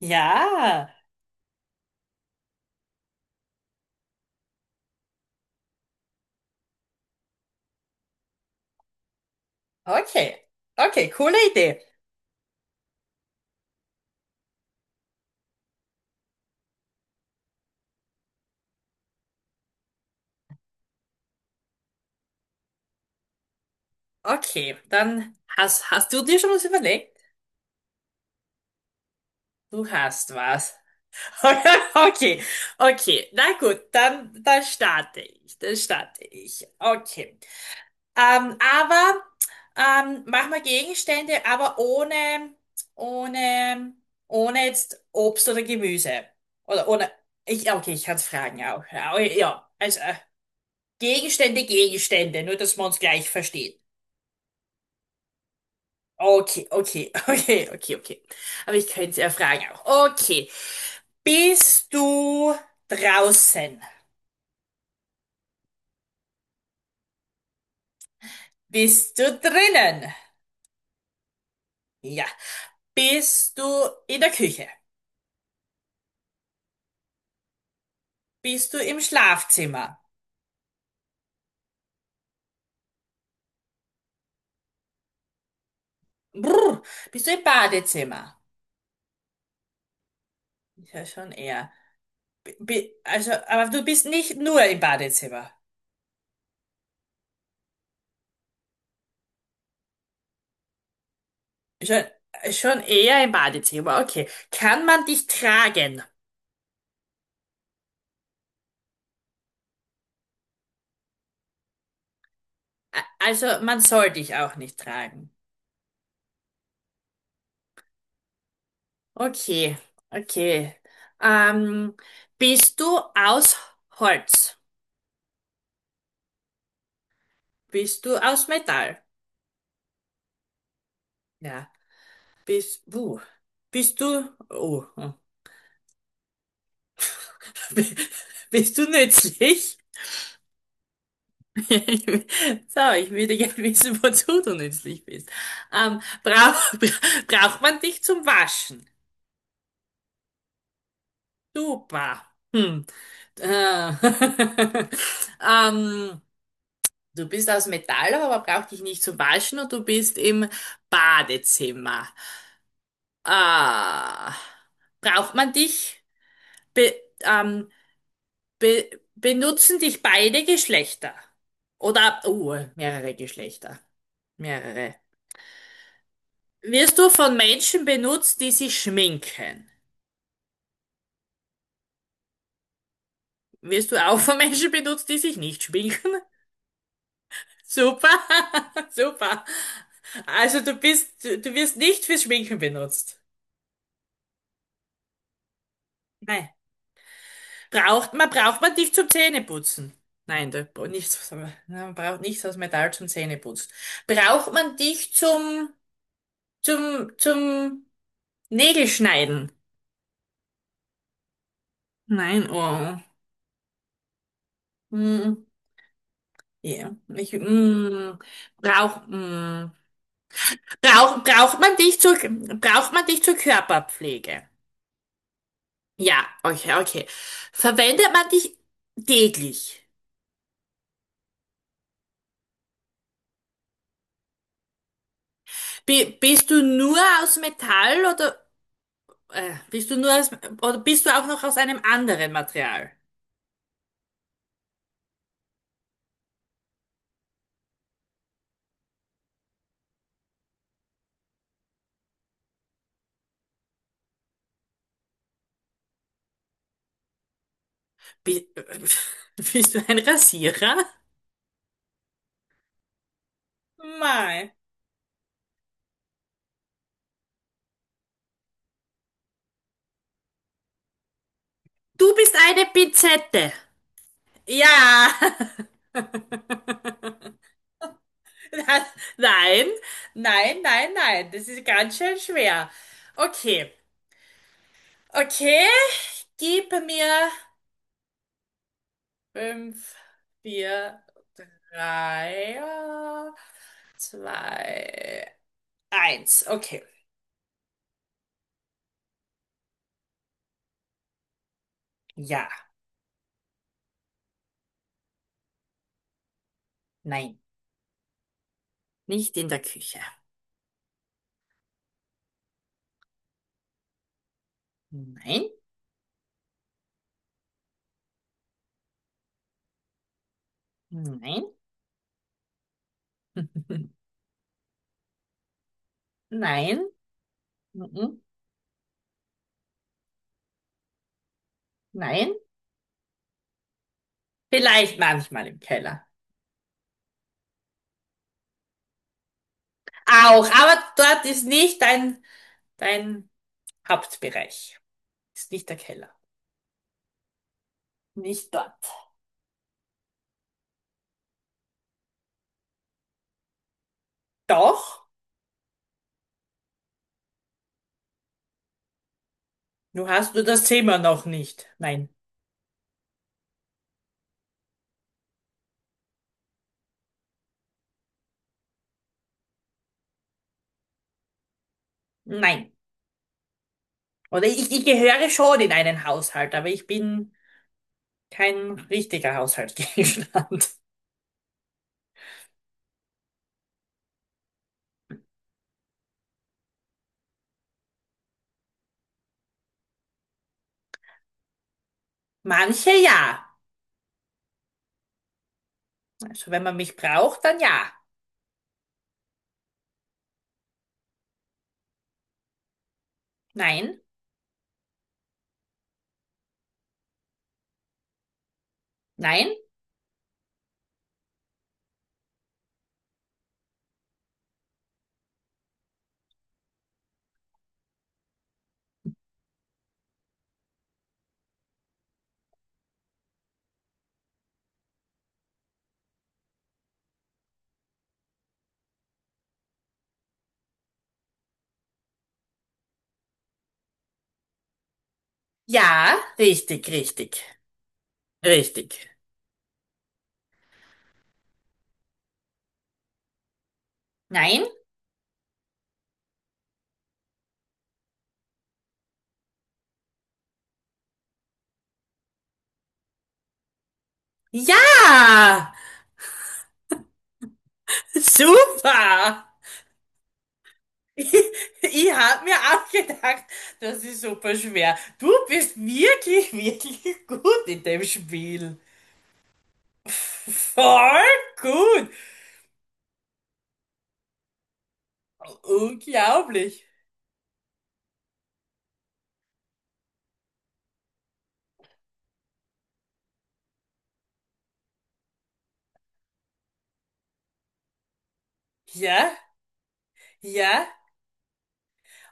Ja, okay. Okay, coole Idee. Okay, dann hast du dir schon was überlegt? Du hast was. Okay, okay. Na gut, dann starte ich. Dann starte ich. Okay. Aber mach mal Gegenstände, aber ohne, ohne jetzt Obst oder Gemüse. Oder ohne. Ich, okay, ich kann es fragen auch. Ja, ja. Also Gegenstände, Gegenstände, nur dass man uns gleich versteht. Okay, okay, okay, okay, okay. Aber ich könnte es ja fragen auch. Okay. Bist du draußen? Bist du drinnen? Ja. Bist du in der Küche? Bist du im Schlafzimmer? Brr. Bist du im Badezimmer? Ist ja, schon eher. Also, aber du bist nicht nur im Badezimmer. Schon, schon eher im Badezimmer. Okay. Kann man dich tragen? Also, man soll dich auch nicht tragen. Okay, okay. Ähm, bist du aus Holz? Bist du aus Metall? Ja. Bist, uh, bist du, oh, oh. Bist du nützlich? So, ich würde gerne wissen, wozu du nützlich bist. Ähm, brauch, braucht man dich zum Waschen? Super. Hm. Äh, ähm, du bist aus Metall, aber brauch dich nicht zu waschen und du bist im Badezimmer. Ah, braucht man dich? Be ähm, be benutzen dich beide Geschlechter? Oder, mehrere Geschlechter. Mehrere. Wirst du von Menschen benutzt, die sich schminken? Wirst du auch von Menschen benutzt, die sich nicht schminken? Super, super. Also du bist, du wirst nicht fürs Schminken benutzt. Nein. Braucht man dich zum Zähneputzen? Nein, nichts, man braucht nichts aus Metall zum Zähneputzen. Braucht man dich zum Nägelschneiden? Nein, oh. Hm, ja, ich, hm, brauch, hm. Braucht man dich zur Körperpflege? Ja, okay, okay. Verwendet man dich täglich? Bist du nur aus Metall oder bist du nur aus, oder bist du auch noch aus einem anderen Material? Bi bist du ein Rasierer? Mei. Du bist eine Pinzette. Ja. Das, nein, nein, nein, nein. Das ist ganz schön schwer. Okay, okay. Gib mir fünf, vier, drei, zwei, eins. Okay. Ja, nein, nicht in der Küche. Nein, nein, nein, mhm, nein. Vielleicht manchmal im Keller. Auch, aber dort ist nicht dein Hauptbereich. Ist nicht der Keller. Nicht dort. Doch, du hast nur das Zimmer noch nicht. Nein, nein. Oder ich gehöre schon in einen Haushalt, aber ich bin kein richtiger Haushaltsgegenstand. Manche ja. Also wenn man mich braucht, dann ja. Nein, nein, ja, richtig, richtig, richtig. Nein? Ja, super. Ich, ich habe mir auch gedacht, das ist super schwer. Du bist wirklich, wirklich gut in dem Spiel. Voll gut. Unglaublich. Ja, ja.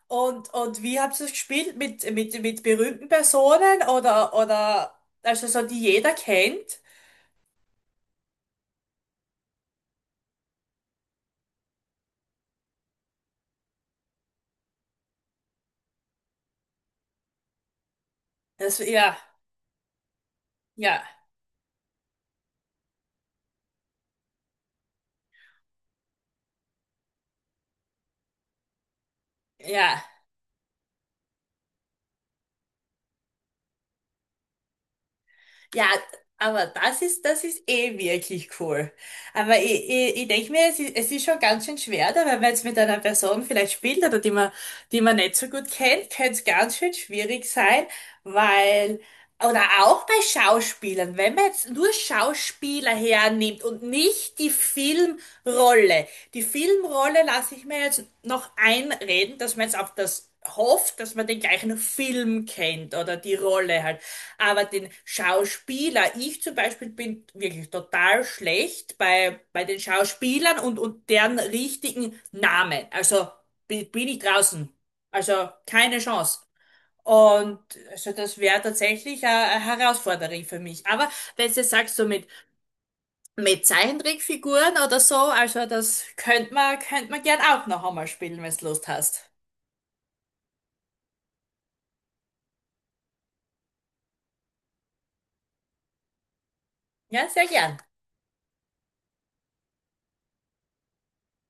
Und wie habt ihr es gespielt? Mit berühmten Personen also so, die jeder kennt? Das, ja, ja, ja. Ja, aber das ist eh wirklich cool. Aber ich denke mir, es ist schon ganz schön schwer, da, weil wenn man jetzt mit einer Person vielleicht spielt oder die man nicht so gut kennt, könnte es ganz schön schwierig sein, weil, oder auch bei Schauspielern, wenn man jetzt nur Schauspieler hernimmt und nicht die Filmrolle. Die Filmrolle lasse ich mir jetzt noch einreden, dass man jetzt auf das hofft, dass man den gleichen Film kennt oder die Rolle halt. Aber den Schauspieler, ich zum Beispiel bin wirklich total schlecht bei den Schauspielern und deren richtigen Namen. Also bin ich draußen. Also keine Chance. Und also das wäre tatsächlich eine Herausforderung für mich. Aber wenn du jetzt sagst, so mit Zeichentrickfiguren oder so, also das könnte man gern auch noch einmal spielen, wenn du Lust hast. Ja, sehr gern.